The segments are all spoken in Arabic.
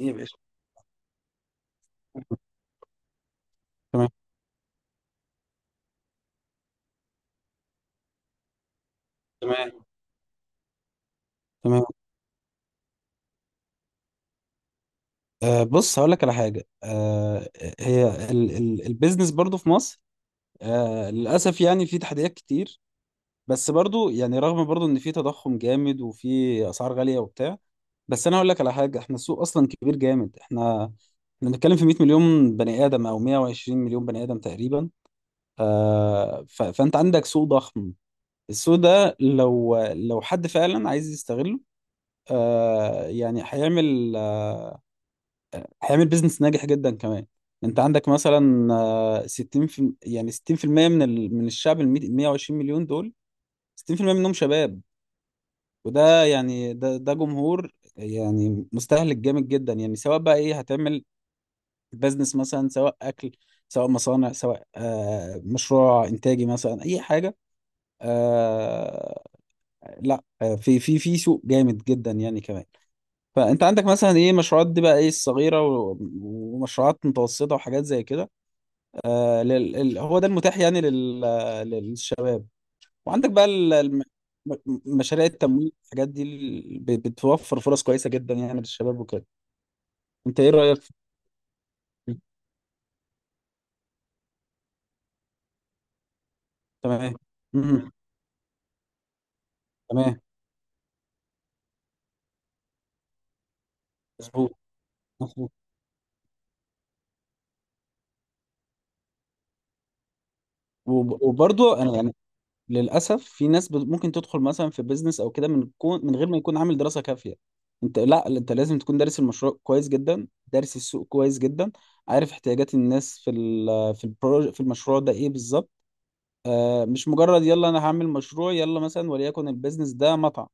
ايه يا باشا؟ تمام، تمام، تمام. بص، هقول لك على حاجه. هي ال البيزنس برضو في مصر، للاسف يعني في تحديات كتير. بس برضو يعني رغم برضو ان في تضخم جامد وفي اسعار غاليه وبتاع، بس انا هقول لك على حاجه: احنا السوق اصلا كبير جامد. احنا بنتكلم في 100 مليون بني ادم او 120 مليون بني ادم تقريبا. آه ف فانت عندك سوق ضخم. السوق ده لو حد فعلا عايز يستغله، يعني هيعمل بيزنس ناجح جدا كمان. انت عندك مثلا، 60 في يعني 60% من الشعب ال 120 مليون دول، 60% منهم شباب. وده يعني ده جمهور، يعني مستهلك جامد جدا. يعني سواء بقى ايه هتعمل بيزنس، مثلا سواء اكل، سواء مصانع، سواء مشروع انتاجي مثلا، اي حاجه. آه لا، في سوق جامد جدا يعني كمان. فانت عندك مثلا ايه؟ مشروعات دي بقى، ايه الصغيره و- ومشروعات متوسطه وحاجات زي كده. هو ده المتاح يعني للشباب. وعندك بقى مشاريع التمويل، الحاجات دي بتوفر فرص كويسة جدا يعني للشباب وكده. انت ايه رأيك في؟ تمام. مم. تمام. مظبوط، مظبوط. وب- وبرضه انا يعني للأسف في ناس ممكن تدخل مثلا في بيزنس او كده، من غير ما يكون عامل دراسة كافية. انت لا انت لازم تكون دارس المشروع كويس جدا، دارس السوق كويس جدا، عارف احتياجات الناس في ال... في البرو... في المشروع ده ايه بالظبط. مش مجرد يلا انا هعمل مشروع، يلا مثلا وليكن البيزنس ده مطعم،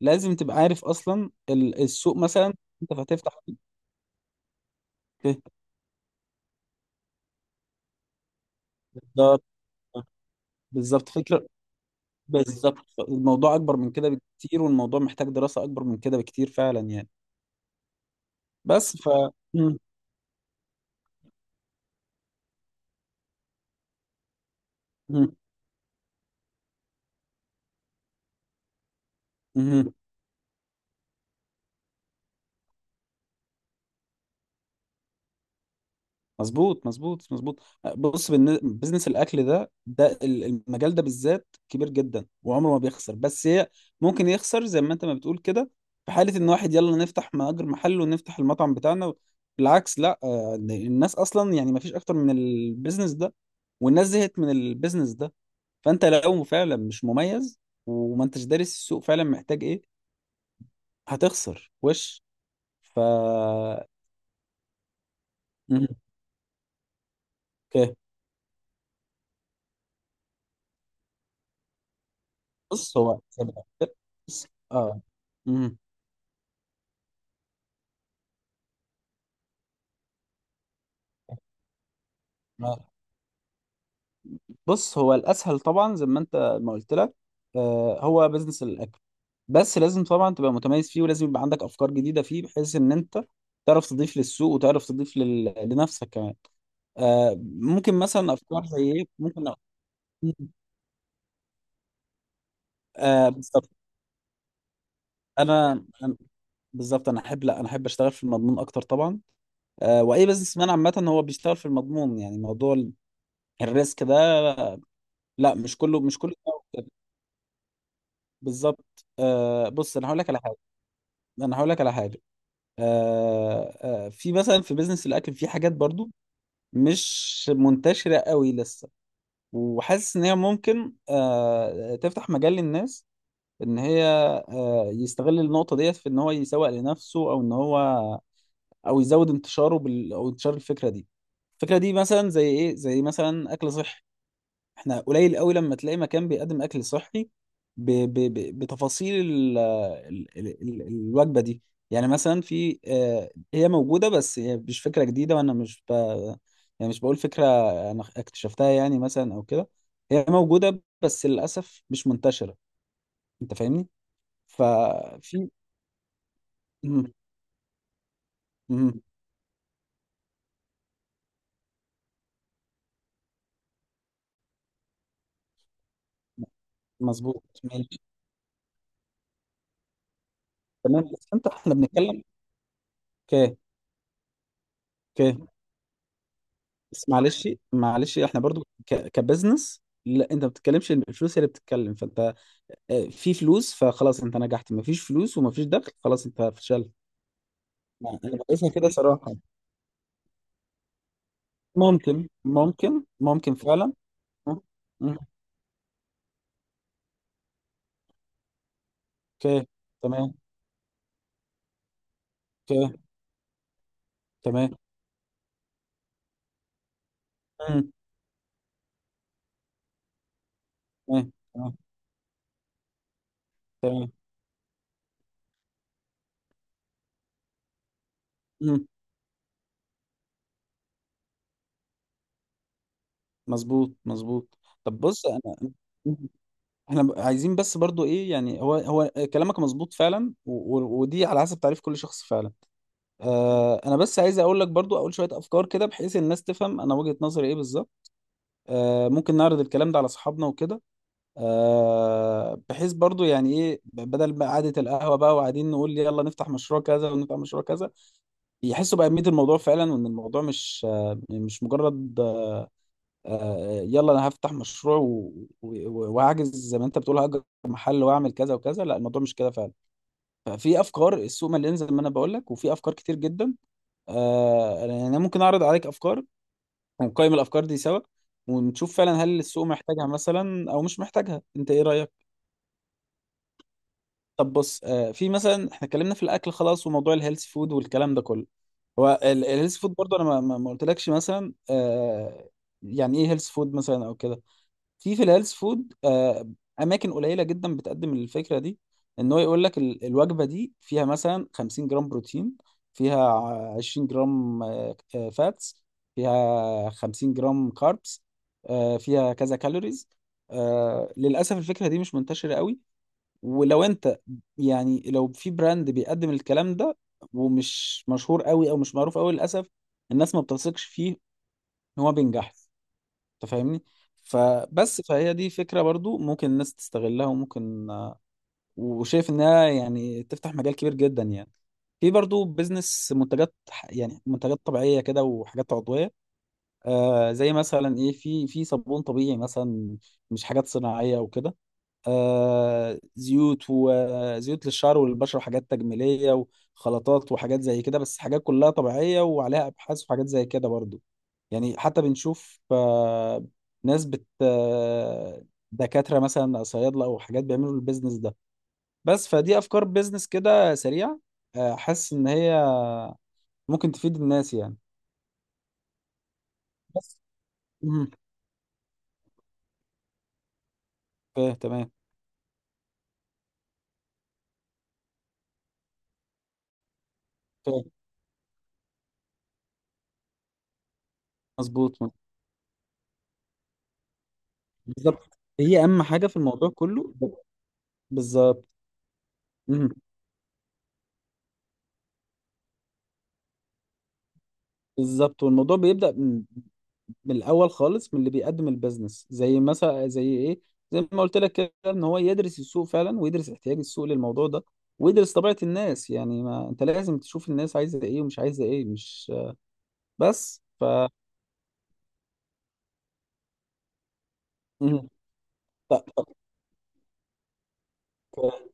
لازم تبقى عارف اصلا السوق مثلا انت هتفتح فيه. بالظبط، بالظبط فكرة. بالظبط الموضوع اكبر من كده بكتير، والموضوع محتاج دراسة اكبر من كده بكتير فعلا يعني. بس ف مم. مم. مم. مظبوط، مظبوط، مظبوط. بص، بزنس الاكل ده، المجال ده بالذات كبير جدا وعمره ما بيخسر. بس هي ممكن يخسر زي ما انت ما بتقول كده، في حاله ان واحد يلا نفتح مأجر محل ونفتح المطعم بتاعنا. بالعكس، لا، الناس اصلا يعني ما فيش اكتر من البيزنس ده، والناس زهقت من البيزنس ده. فانت لو فعلا مش مميز وما انتش دارس السوق فعلا محتاج ايه، هتخسر وش. ف مهم. اوكي. بص هو زي ما قلت- بص، اه امم بص هو الاسهل طبعا زي ما انت ما قلت لك، هو بزنس الاكل. بس لازم طبعا تبقى متميز فيه، ولازم يبقى عندك افكار جديده فيه بحيث ان انت تعرف تضيف للسوق، وتعرف تضيف لنفسك كمان. ممكن مثلا افكار زي ايه، ممكن. بالظبط. انا أنا- بالظبط، انا احب لا انا احب اشتغل في المضمون اكتر طبعا. واي بزنس مان عامه هو بيشتغل في المضمون، يعني موضوع الريسك ده. لا، مش كله، مش كله. بالظبط. بص، انا هقول لك على حاجه. في مثلا في بيزنس الاكل في حاجات برضو مش منتشره قوي لسه، وحاسس ان هي ممكن تفتح مجال للناس، ان هي يستغل النقطه ديت في ان هو يسوق لنفسه، او ان هو او يزود انتشاره او انتشار الفكره دي. الفكره دي مثلا زي ايه؟ زي مثلا اكل صحي. احنا قليل قوي لما تلاقي مكان بيقدم اكل صحي بتفاصيل الوجبه دي. يعني مثلا في، هي موجوده بس هي مش فكره جديده، وانا مش يعني مش بقول فكره انا اكتشفتها يعني مثلا او كده. هي موجوده بس للاسف مش منتشره. انت فاهمني؟ ففي مم. مم. مظبوط. ماشي. تمام بس انت احنا بنتكلم. اوكي. اوكي بس معلش، معلش احنا برضو كبزنس، لا انت ما بتتكلمش، الفلوس هي اللي بتتكلم، فانت في فلوس فخلاص انت نجحت، ما فيش فلوس وما فيش دخل خلاص انت فشلت. انا بقيسها كده صراحة. ممكن فعلا. مم، مم، اوكي، تمام، اوكي، تمام، مم، تمام، تمام، تمام، مم، مظبوط، مظبوط. طب بص انا، عايزين بس برضو ايه يعني، هو كلامك مظبوط فعلا، و... و... ودي على حسب تعريف كل شخص فعلا. انا بس عايز اقول لك برضو، اقول شويه افكار كده بحيث الناس تفهم انا وجهه نظري ايه بالظبط. ممكن نعرض الكلام ده على اصحابنا وكده. بحيث برضو يعني ايه، بدل بقى قعده القهوه بقى وقاعدين نقول يلا نفتح مشروع كذا ونفتح مشروع كذا، يحسوا باهميه الموضوع فعلا، وان الموضوع مش مش مجرد يلا انا هفتح مشروع و- و- وهحجز زي ما انت بتقول هاجر محل واعمل كذا وكذا. لا، الموضوع مش كده فعلا. ففي افكار، السوق مليان زي ما انا بقول لك وفي افكار كتير جدا. يعني انا ممكن اعرض عليك افكار ونقيم الافكار دي سوا، ونشوف فعلا هل السوق محتاجها مثلا او مش محتاجها. انت ايه رايك؟ طب بص، في مثلا احنا اتكلمنا في الاكل خلاص، وموضوع الهيلث فود والكلام ده كله. هو الهيلث فود برضه انا ما قلتلكش مثلا، يعني ايه هيلث فود مثلا او كده. في الهيلث فود اماكن قليله جدا بتقدم الفكره دي، ان هو يقول لك الوجبه دي فيها مثلا 50 جرام بروتين، فيها 20 جرام فاتس، فيها 50 جرام كاربس، فيها كذا كالوريز. للاسف الفكره دي مش منتشره قوي. ولو انت يعني لو في براند بيقدم الكلام ده، ومش مشهور قوي او مش معروف قوي، للاسف الناس ما بتثقش فيه ان هو بينجح. انت فاهمني؟ فبس فهي دي فكرة برضو ممكن الناس تستغلها، وممكن وشايف انها يعني تفتح مجال كبير جدا يعني. في برضو بيزنس منتجات يعني منتجات طبيعية كده، وحاجات عضوية. زي مثلا ايه؟ في صابون طبيعي مثلا، مش حاجات صناعية وكده. زيوت، وزيوت للشعر والبشرة، وحاجات تجميلية وخلطات وحاجات زي كده، بس حاجات كلها طبيعية وعليها أبحاث وحاجات زي كده برضو. يعني حتى بنشوف ناس بت آه، دكاترة مثلا أو صيادلة أو حاجات بيعملوا البيزنس ده. بس فدي أفكار بيزنس كده سريعة، حاسس إن هي ممكن تفيد الناس يعني. بس. مهم. فاهم. تمام. فاهم. مظبوط. بالظبط، هي أهم حاجة في الموضوع كله. بالظبط. مهم. بالظبط. والموضوع بيبدأ من الاول خالص، من اللي بيقدم البيزنس، زي مثلا زي ايه، زي ما قلت لك كده، ان هو يدرس السوق فعلا، ويدرس احتياج السوق للموضوع ده، ويدرس طبيعة الناس. يعني ما انت لازم تشوف الناس عايزة ايه ومش عايزة ايه، مش. بس ف مم. ط- ط-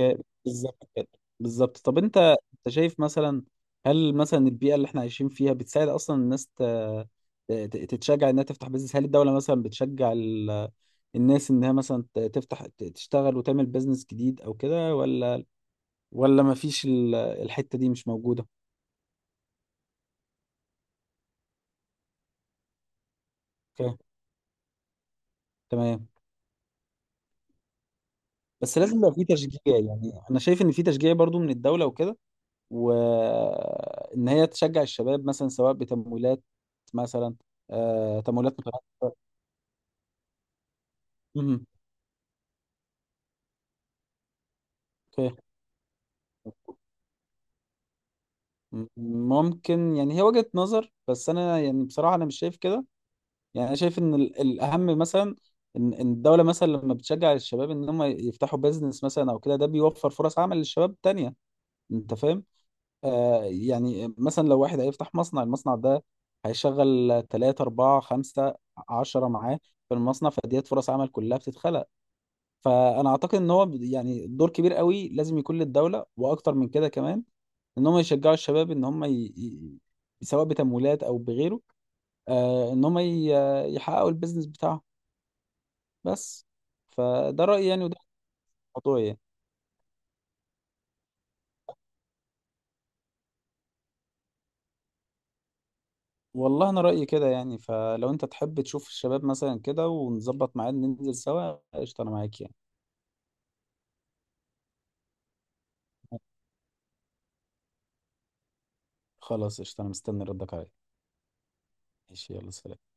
ك- بالظبط كده. بالظبط. طب انت، شايف مثلا هل مثلا البيئة اللي احنا عايشين فيها بتساعد اصلا الناس تتشجع انها تفتح بيزنس؟ هل الدولة مثلا بتشجع الناس انها مثلا تفتح تشتغل وتعمل بيزنس جديد او كده، ولا ما فيش الحتة دي مش موجودة؟ اوكي. تمام بس لازم يبقى في تشجيع، يعني انا شايف ان في تشجيع برضو من الدولة وكده، وان هي تشجع الشباب مثلا، سواء بتمويلات مثلا، تمويلات متعددة. مهم. اوكي. ممكن، يعني هي وجهة نظر، بس انا يعني بصراحة انا مش شايف كده. يعني انا شايف ان الاهم مثلا، إن الدوله مثلا لما بتشجع الشباب ان هم يفتحوا بيزنس مثلا او كده، ده بيوفر فرص عمل للشباب تانية. انت فاهم؟ يعني مثلا لو واحد هيفتح مصنع، المصنع ده هيشغل 3 4 5 10 معاه في المصنع، فديت فرص عمل كلها بتتخلق. فأنا أعتقد إن هو يعني دور كبير قوي لازم يكون للدولة، وأكتر من كده كمان، ان هم يشجعوا الشباب ان هم سواء بتمويلات او بغيره، ان هم يحققوا البيزنس بتاعهم. بس. فده رأيي يعني، وده الموضوع يعني. والله انا رأيي كده يعني، فلو انت تحب تشوف الشباب مثلا كده، ونظبط ميعاد ننزل سوا، قشطة انا معاك يعني. خلاص، قشطة انا مستني ردك عليا. ماشي، يلا سلام.